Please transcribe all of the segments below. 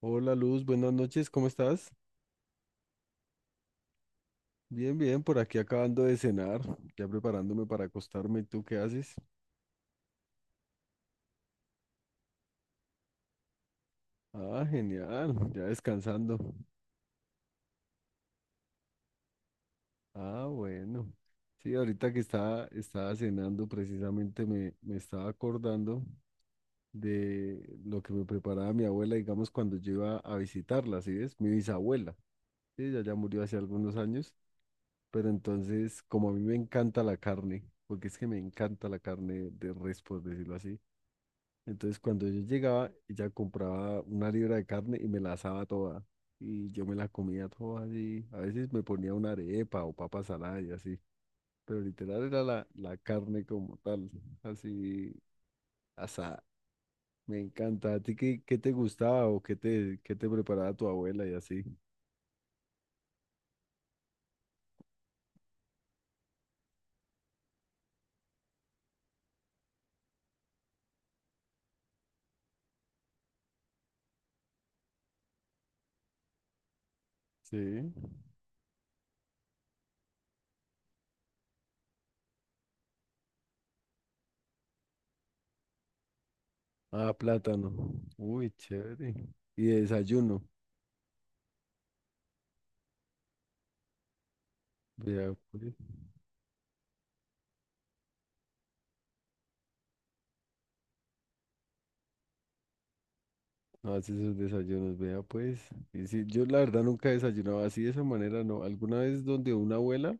Hola Luz, buenas noches, ¿cómo estás? Bien, bien, por aquí acabando de cenar, ya preparándome para acostarme. ¿Y tú qué haces? Ah, genial, ya descansando. Ah, bueno. Sí, ahorita que estaba cenando, precisamente me estaba acordando de lo que me preparaba mi abuela, digamos, cuando yo iba a visitarla, ¿sí ves? Mi bisabuela. Sí, ella ya murió hace algunos años, pero entonces, como a mí me encanta la carne, porque es que me encanta la carne de res, por decirlo así. Entonces, cuando yo llegaba, ella compraba una libra de carne y me la asaba toda. Y yo me la comía toda así. A veces me ponía una arepa o papa salada y así. Pero literal era la carne como tal, así asada. Me encanta. ¿A ti qué te gustaba o qué te preparaba tu abuela y así? Sí. Ah, plátano. Uy, chévere. Y de desayuno. Vea, pues. No hace sus desayunos, vea pues. Y sí, yo la verdad nunca desayunaba así de esa manera, no. Alguna vez donde una abuela,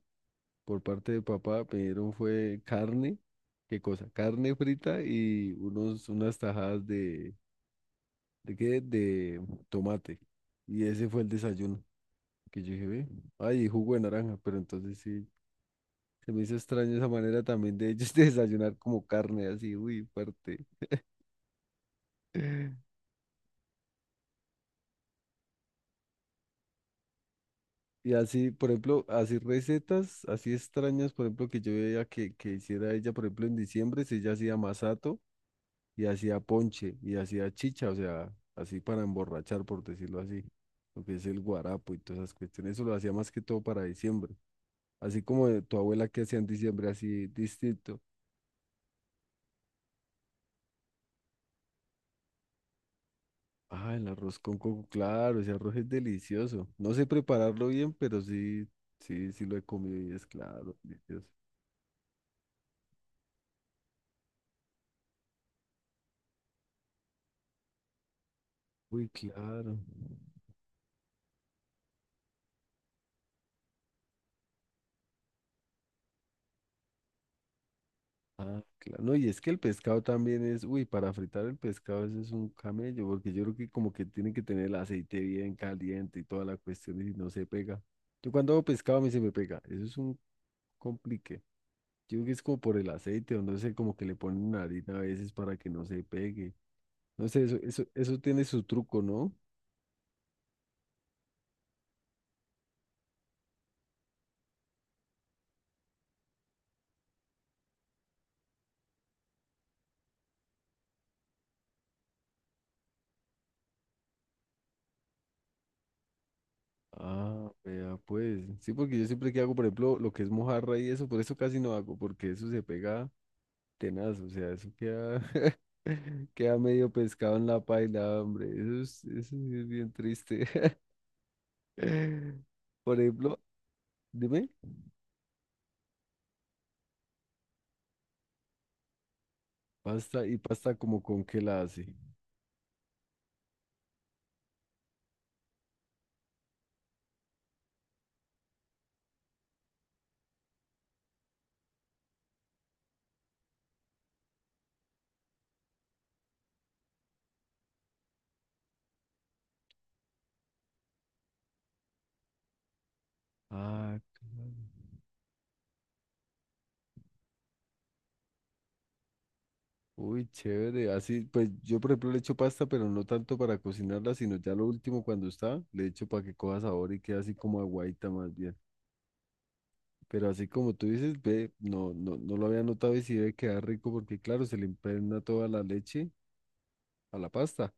por parte de papá, pidieron fue carne, ¿qué cosa? Carne frita y unas tajadas ¿de qué? De tomate. Y ese fue el desayuno que yo dije, ve, ay, y jugo de naranja, pero entonces sí, se me hizo extraño esa manera también de ellos de desayunar como carne así, uy, fuerte. Y así, por ejemplo, así recetas, así extrañas, por ejemplo, que yo veía que hiciera ella, por ejemplo, en diciembre, si ella hacía masato y hacía ponche y hacía chicha, o sea, así para emborrachar, por decirlo así, lo que es el guarapo y todas esas cuestiones, eso lo hacía más que todo para diciembre, así como de tu abuela que hacía en diciembre, así distinto. Ah, el arroz con coco, claro, ese arroz es delicioso. No sé prepararlo bien, pero sí, sí, sí lo he comido y es claro, delicioso. Uy, claro. Ah, claro. No, y es que el pescado también es, uy, para fritar el pescado eso es un camello, porque yo creo que como que tiene que tener el aceite bien caliente y toda la cuestión y no se pega. Yo cuando hago pescado a mí se me pega, eso es un complique. Yo creo que es como por el aceite o no sé, como que le ponen una harina a veces para que no se pegue. No sé, eso tiene su truco, ¿no? Ah, vea, pues. Sí, porque yo siempre que hago, por ejemplo, lo que es mojarra y eso, por eso casi no hago, porque eso se pega tenaz, o sea, eso queda Queda medio pescado en la paila, hombre. Eso es, eso sí es bien triste. Por ejemplo, dime, pasta y pasta como con qué la hace. Ah, claro. Uy, chévere. Así, pues yo por ejemplo le echo pasta, pero no tanto para cocinarla, sino ya lo último cuando está, le echo para que coja sabor y quede así como aguaita más bien. Pero así como tú dices, ve, no lo había notado y sí debe quedar rico porque claro, se le impregna toda la leche a la pasta.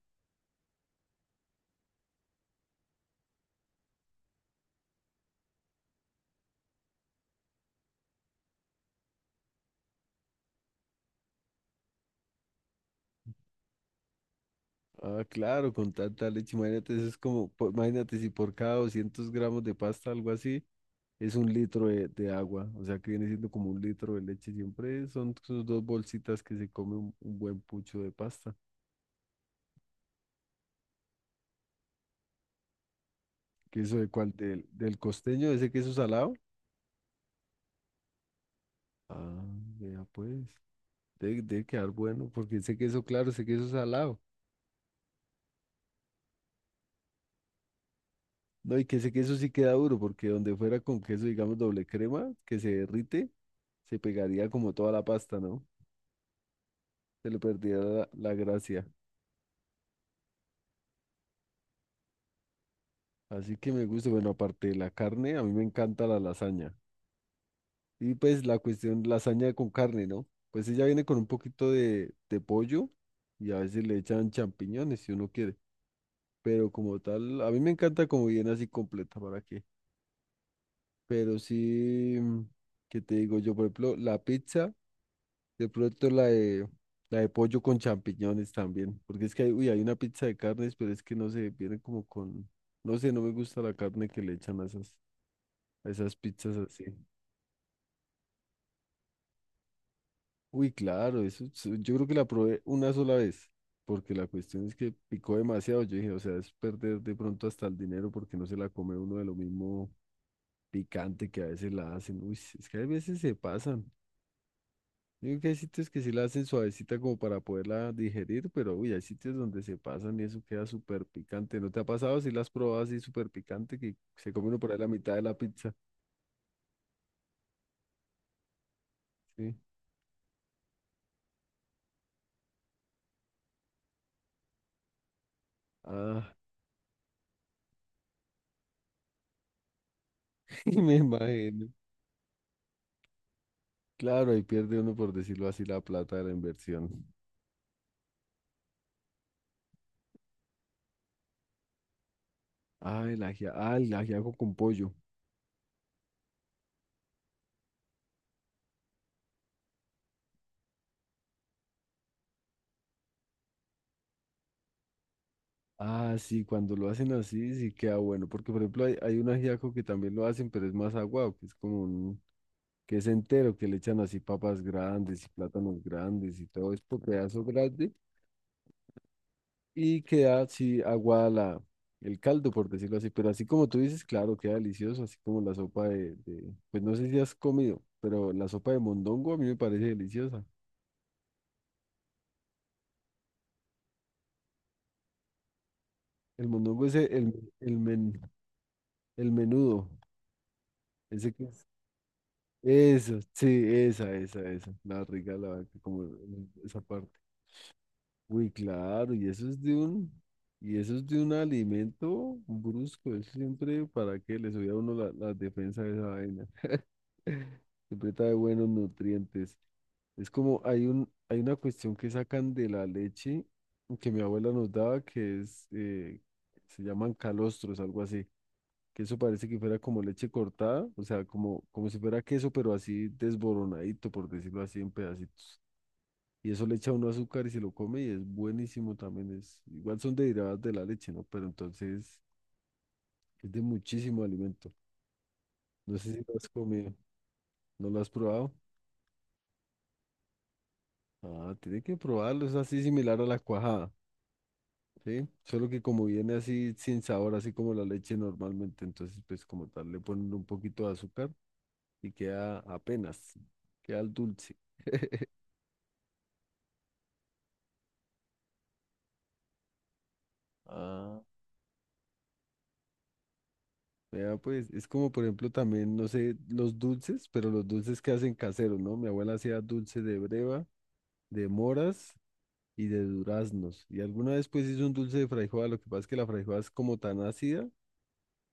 Ah, claro, con tanta leche, imagínate, eso es como, po- imagínate si por cada 200 g de pasta, algo así, es un litro de agua, o sea que viene siendo como un litro de leche, siempre son sus dos bolsitas que se come un buen pucho de pasta. ¿Queso de cuál? ¿Del, del costeño, ese queso salado? Ah, vea pues, debe quedar bueno, porque ese queso, claro, ese queso salado, no, y que ese queso sí queda duro, porque donde fuera con queso, digamos, doble crema, que se derrite, se pegaría como toda la pasta, ¿no? Se le perdía la gracia. Así que me gusta, bueno, aparte de la carne, a mí me encanta la lasaña. Y pues la cuestión, lasaña con carne, ¿no? Pues ella viene con un poquito de pollo y a veces le echan champiñones si uno quiere. Pero como tal, a mí me encanta como viene así completa, ¿para qué? Pero sí, ¿qué te digo yo? Por ejemplo, la pizza. De pronto la de pollo con champiñones también, porque es que hay, uy, hay una pizza de carnes, pero es que no sé, viene como con, no sé, no me gusta la carne que le echan a esas pizzas así. Uy, claro, eso, es- yo creo que la probé una sola vez, porque la cuestión es que picó demasiado, yo dije, o sea, es perder de pronto hasta el dinero porque no se la come uno de lo mismo picante que a veces la hacen. Uy, es que a veces se pasan. Yo creo que hay sitios que sí la hacen suavecita como para poderla digerir, pero uy, hay sitios donde se pasan y eso queda súper picante. ¿No te ha pasado si la has probado así súper picante que se come uno por ahí la mitad de la pizza? Sí. Ah, y me imagino. Claro, ahí pierde uno, por decirlo así, la plata de la inversión. Ah, el ajiaco con pollo. Ah, sí, cuando lo hacen así sí queda bueno, porque por ejemplo hay, hay un ajiaco que también lo hacen, pero es más aguado, que es como un que es entero, que le echan así papas grandes y plátanos grandes y todo esto, pedazo grande, y queda así aguada la, el caldo, por decirlo así, pero así como tú dices, claro, queda delicioso, así como la sopa de- pues no sé si has comido, pero la sopa de mondongo a mí me parece deliciosa. El mondongo es el men- el menudo, ese que es. Eso, sí, esa, la rica, la, como esa parte. Uy, claro, y eso es de un, y eso es de un alimento brusco, es siempre para que le subía a uno la, la defensa de esa vaina. Siempre trae buenos nutrientes. Es como hay un, hay una cuestión que sacan de la leche que mi abuela nos daba que es, se llaman calostros, algo así, que eso parece que fuera como leche cortada, o sea, como, como si fuera queso, pero así desboronadito, por decirlo así, en pedacitos. Y eso le echa uno azúcar y se lo come y es buenísimo también. Es, igual son derivadas de la leche, ¿no? Pero entonces es de muchísimo alimento. No sé si lo has comido, ¿no lo has probado? Ah, tiene que probarlo, es así similar a la cuajada, ¿sí? Solo que como viene así sin sabor, así como la leche normalmente, entonces pues como tal le ponen un poquito de azúcar y queda apenas, queda el dulce. Ah, vea, pues es como por ejemplo también, no sé, los dulces, pero los dulces que hacen caseros, ¿no? Mi abuela hacía dulce de breva, de moras y de duraznos. Y alguna vez pues hizo un dulce de frambuesa, lo que pasa es que la frambuesa es como tan ácida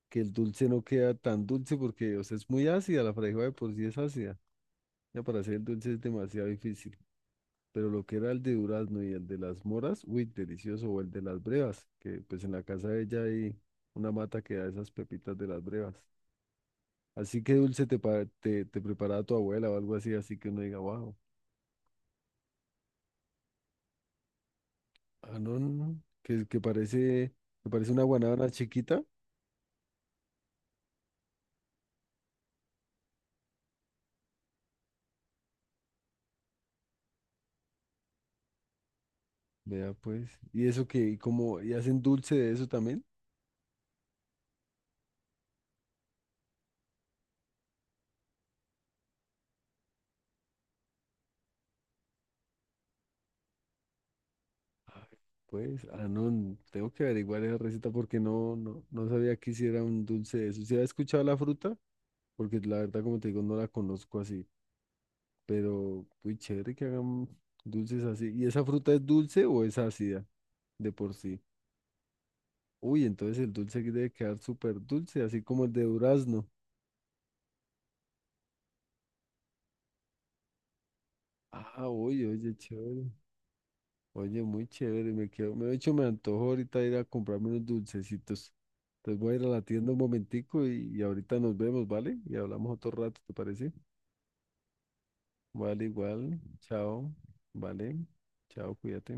que el dulce no queda tan dulce porque, o sea, es muy ácida, la frambuesa de por sí es ácida. Ya para hacer el dulce es demasiado difícil. Pero lo que era el de durazno y el de las moras, uy, delicioso, o el de las brevas, que pues en la casa de ella hay una mata que da esas pepitas de las brevas. Así que dulce te preparaba tu abuela o algo así, así que uno diga, wow, ah, no, que parece una guanábana chiquita, vea pues, y eso que, y como, y hacen dulce de eso también. Ay, pues, ah, no, tengo que averiguar esa receta porque no sabía que hiciera un dulce de eso, si había escuchado la fruta, porque la verdad, como te digo, no la conozco así, pero, muy chévere que hagan dulces así, ¿y esa fruta es dulce o es ácida de por sí? Uy, entonces el dulce aquí debe quedar súper dulce, así como el de durazno. Ah, oye, oye, chévere. Oye, muy chévere. Me quedo, me, de hecho, me antojo ahorita ir a comprarme unos dulcecitos. Entonces voy a ir a la tienda un momentico y ahorita nos vemos, ¿vale? Y hablamos otro rato, ¿te parece? Vale, igual. Chao. Vale. Chao, cuídate.